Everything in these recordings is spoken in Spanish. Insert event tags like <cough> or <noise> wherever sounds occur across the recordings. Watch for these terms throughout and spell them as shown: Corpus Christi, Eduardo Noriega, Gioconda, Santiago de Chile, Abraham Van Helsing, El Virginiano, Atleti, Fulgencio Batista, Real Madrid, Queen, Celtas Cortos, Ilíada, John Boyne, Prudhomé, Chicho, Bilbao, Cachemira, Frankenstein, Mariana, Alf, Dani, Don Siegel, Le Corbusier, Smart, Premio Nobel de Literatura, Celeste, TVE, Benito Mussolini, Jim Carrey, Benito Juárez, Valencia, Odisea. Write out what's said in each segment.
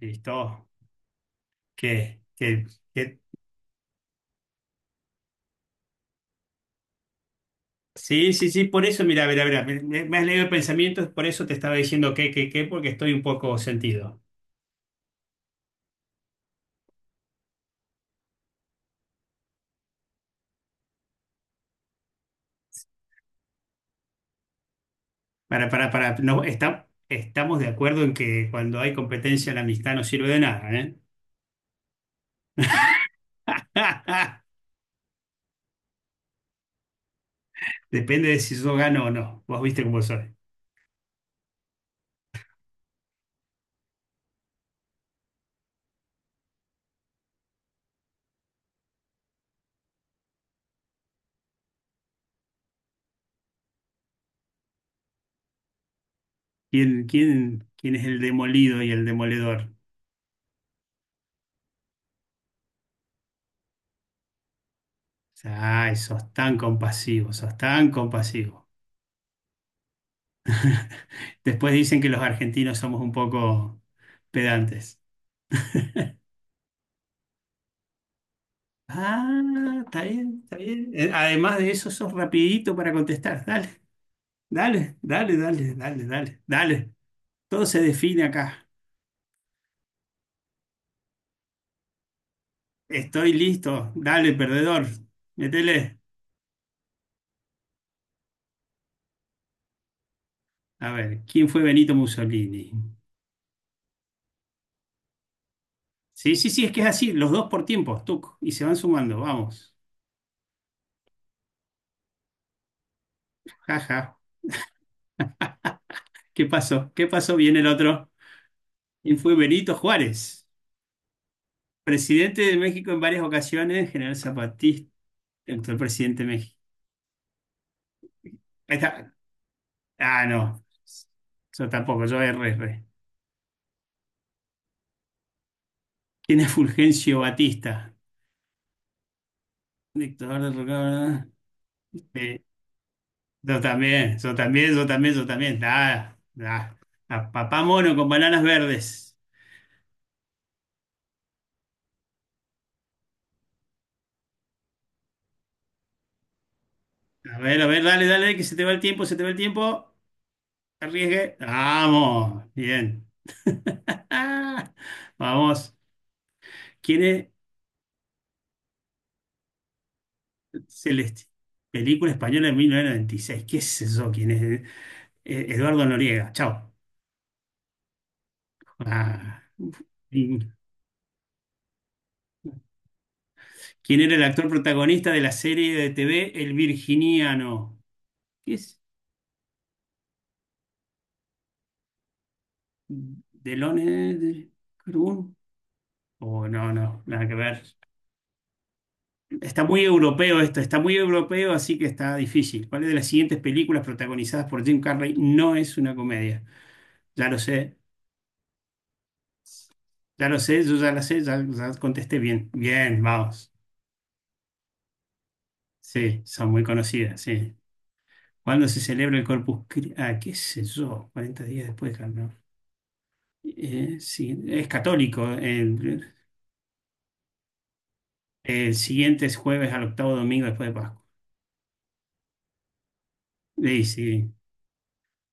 Listo. ¿Qué? ¿Qué? ¿Qué? Sí, sí, sí, por eso, mira, mira, mira, me has leído el pensamiento, por eso te estaba diciendo qué, qué, qué, porque estoy un poco sentido. Para, no, estamos de acuerdo en que cuando hay competencia la amistad no sirve de nada, ¿eh? <laughs> Depende de si yo gano o no. Vos viste cómo soy. ¿Quién es el demolido y el demoledor? Ay, sos tan compasivo, sos tan compasivo. <laughs> Después dicen que los argentinos somos un poco pedantes. Ah, está bien, está bien. Además de eso, sos rapidito para contestar. Dale, dale, dale, dale, dale, dale, dale. Todo se define acá. Estoy listo. Dale, perdedor. Métele. A ver, ¿quién fue Benito Mussolini? Sí, sí, sí, es que es así. Los dos por tiempos, tuc. Y se van sumando. Vamos. Jaja. ¿Qué pasó? ¿Qué pasó? Viene el otro. ¿Quién fue Benito Juárez? Presidente de México en varias ocasiones, general zapatista, actual presidente de México. Ahí está. Ah, no. Yo tampoco, yo RR. ¿Quién es Fulgencio Batista? Dictador de Roca- Sí, yo también, yo también, yo también, yo también. Ah, ah. A papá mono con bananas verdes. A ver, dale, dale, que se te va el tiempo, se te va el tiempo. Arriesgue. Vamos, bien. <laughs> Vamos. ¿Quién es Celeste? Película española de 1996. ¿Qué es eso? ¿Quién es? Eduardo Noriega. Chao. Ah. ¿Quién era el actor protagonista de la serie de TV El Virginiano? ¿Qué es? ¿Delone de Carbón? Oh, no, no, nada que ver. Está muy europeo esto, está muy europeo, así que está difícil. ¿Cuál de las siguientes películas protagonizadas por Jim Carrey no es una comedia? Ya lo sé, ya lo sé, yo ya la sé, ya, ya contesté bien. Bien, vamos. Sí, son muy conocidas, sí. ¿Cuándo se celebra el Corpus Christi? Ah, qué sé yo, 40 días después, claro, ¿no? Sí, es católico. El siguiente es jueves al octavo domingo después de Pascua. Sí, sí,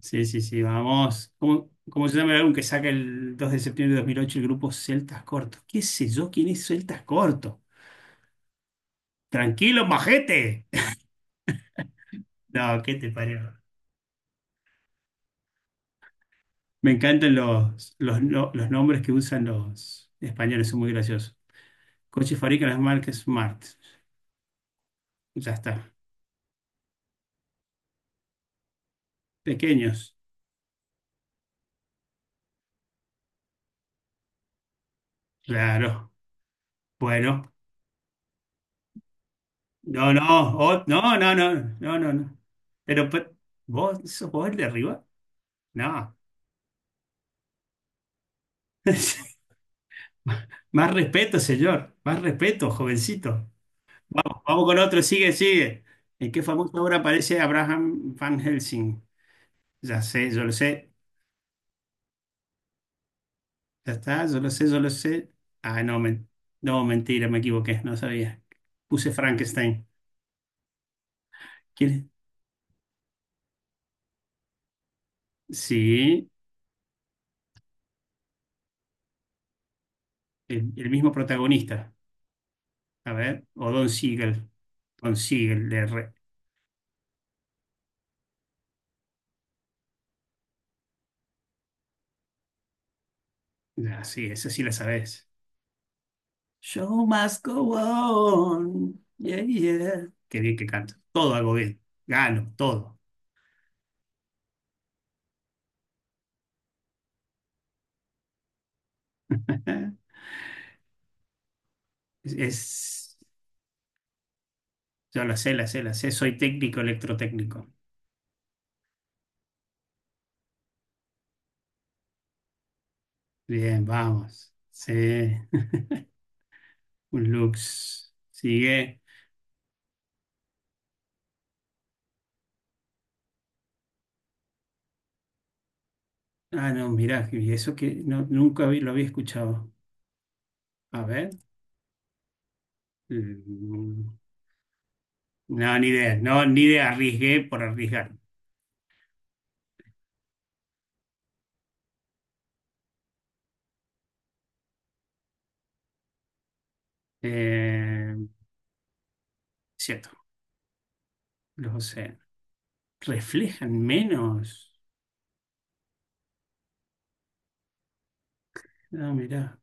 sí, sí, sí, vamos. ¿Cómo se llama el álbum que saca el 2 de septiembre de 2008 el grupo Celtas Cortos? ¿Qué sé yo quién es Celtas Cortos? Tranquilo, majete. <laughs> No, ¿qué te parece? Me encantan los, no- los nombres que usan los españoles, son muy graciosos. Coches fabrican las marcas Smart. Ya está. Pequeños. Claro. Bueno. No, no, no, no, no, no, no, no. Pero, ¿vos sos vos el de arriba? No. <laughs> Más respeto, señor. Más respeto, jovencito. Vamos, vamos con otro. Sigue, sigue. ¿En qué famosa obra aparece Abraham Van Helsing? Ya sé, yo lo sé. Ya está, yo lo sé, yo lo sé. Ah, no, mentira, me equivoqué. No sabía. Puse Frankenstein. ¿Quién es? Sí, el mismo protagonista. A ver, o Don Siegel. Don Siegel. Ah, sí, esa sí la sabes. Show must go on. Yeah, yeah. Qué bien que canto. Todo hago bien. Gano, todo. Ajá. Es, es- yo la sé, la sé, la sé. Soy técnico electrotécnico. Bien, vamos. Sí. <laughs> Un Lux. Sigue. Ah, no, mirá, y eso que no, nunca lo había escuchado. A ver. Mm. No, ni idea. No, ni idea. Arriesgué por arriesgar. Eh, cierto. Lo sé. Reflejan menos. Ah, mirá.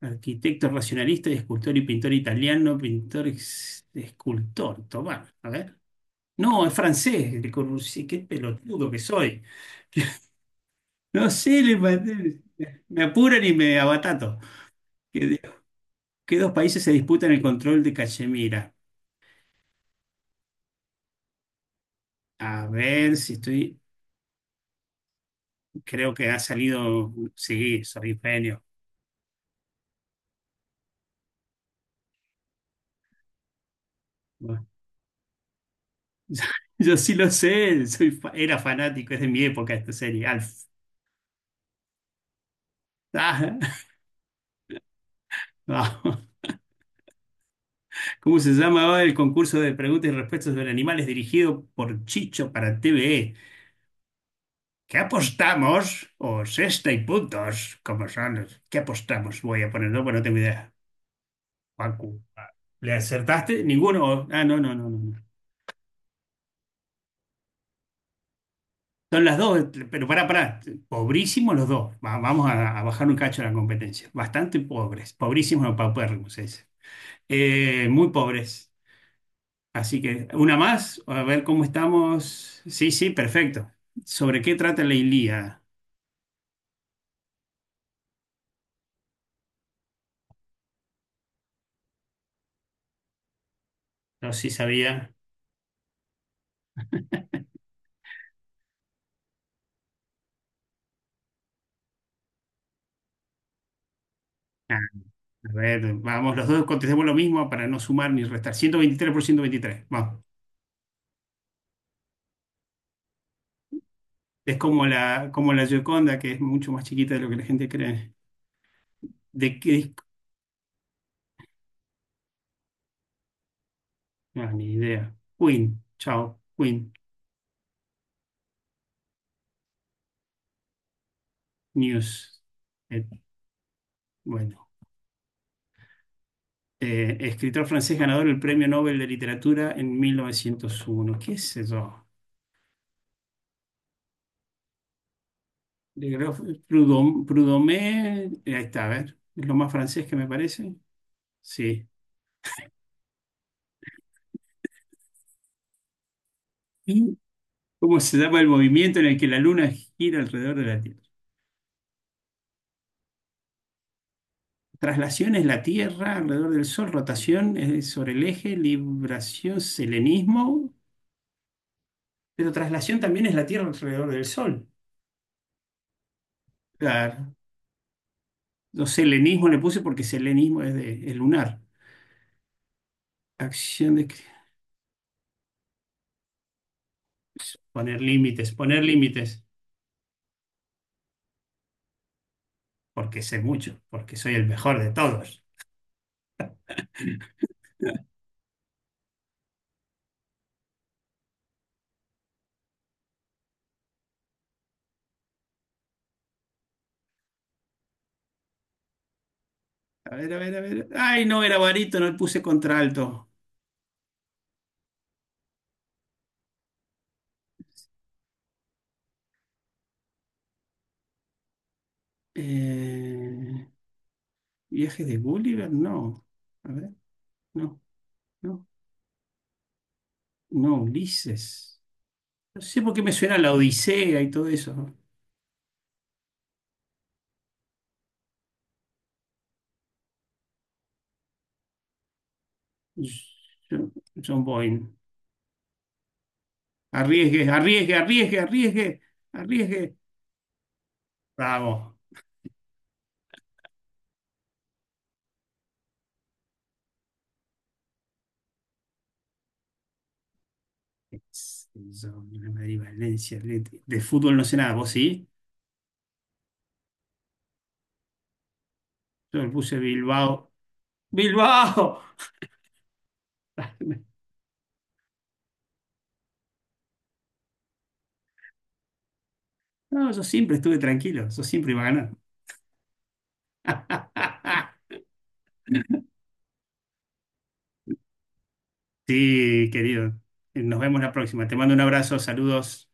Arquitecto racionalista y escultor y pintor italiano, pintor escultor. Tomá, a ver. No, es francés, Le Corbusier, qué pelotudo que soy. <laughs> No sé, me apuran y me abatato. ¿Qué, qué dos países se disputan el control de Cachemira? A ver si estoy. Creo que ha salido. Sí, soy un genio. <laughs> Yo sí lo sé, era fanático, es de mi época esta serie, Alf. Ah, <laughs> vamos. ¿Cómo se llamaba el concurso de preguntas y respuestas sobre animales dirigido por Chicho para TVE? ¿Qué apostamos? O sexta y puntos, como son los- ¿Qué apostamos? Voy a ponerlo, porque no tengo idea. Paco, ¿le acertaste? Ninguno. Ah, no, no, no, no, no. Son las dos, pero pará, pará. Pobrísimos los dos. Vamos a bajar un cacho la competencia. Bastante pobres. Pobrísimos o paupérrimos, ese. Muy pobres. Así que una más, a ver cómo estamos. Sí, sí, perfecto. ¿Sobre qué trata la Ilíada? No sé si sabía. Ah, a ver, vamos, los dos contestemos lo mismo para no sumar ni restar. 123 por 123. Vamos. Es como la Gioconda, que es mucho más chiquita de lo que la gente cree. ¿De qué disco? No, ni idea. Queen, chao. Queen, News. Eh, bueno. Escritor francés ganador del Premio Nobel de Literatura en 1901. ¿Qué es eso? Yo creo que Prudhomé, ahí está, a ver, es lo más francés que me parece. Sí. ¿Y ¿Cómo se llama el movimiento en el que la luna gira alrededor de la Tierra? Traslación es la Tierra alrededor del Sol, rotación es sobre el eje, libración, selenismo, pero traslación también es la Tierra alrededor del Sol. Claro. Yo selenismo le puse porque selenismo es de es lunar. Acción de poner límites, porque sé mucho, porque soy el mejor de todos. A ver, a ver, a ver. Ay, no, era barítono, le puse contralto. Eh, viaje de Gulliver, no. A ver, no, no, no, Ulises. No sé por qué me suena la Odisea y todo eso. John, John Boyne. Arriesgue, arriesgue, arriesgue, arriesgue, arriesgue. Bravo. Yo, Real Madrid, Valencia, Atleti. De fútbol no sé nada, ¿vos sí? Yo le puse Bilbao. ¡Bilbao! <laughs> No, yo siempre estuve tranquilo, yo siempre iba a ganar. <laughs> Sí, querido. Nos vemos la próxima. Te mando un abrazo, saludos.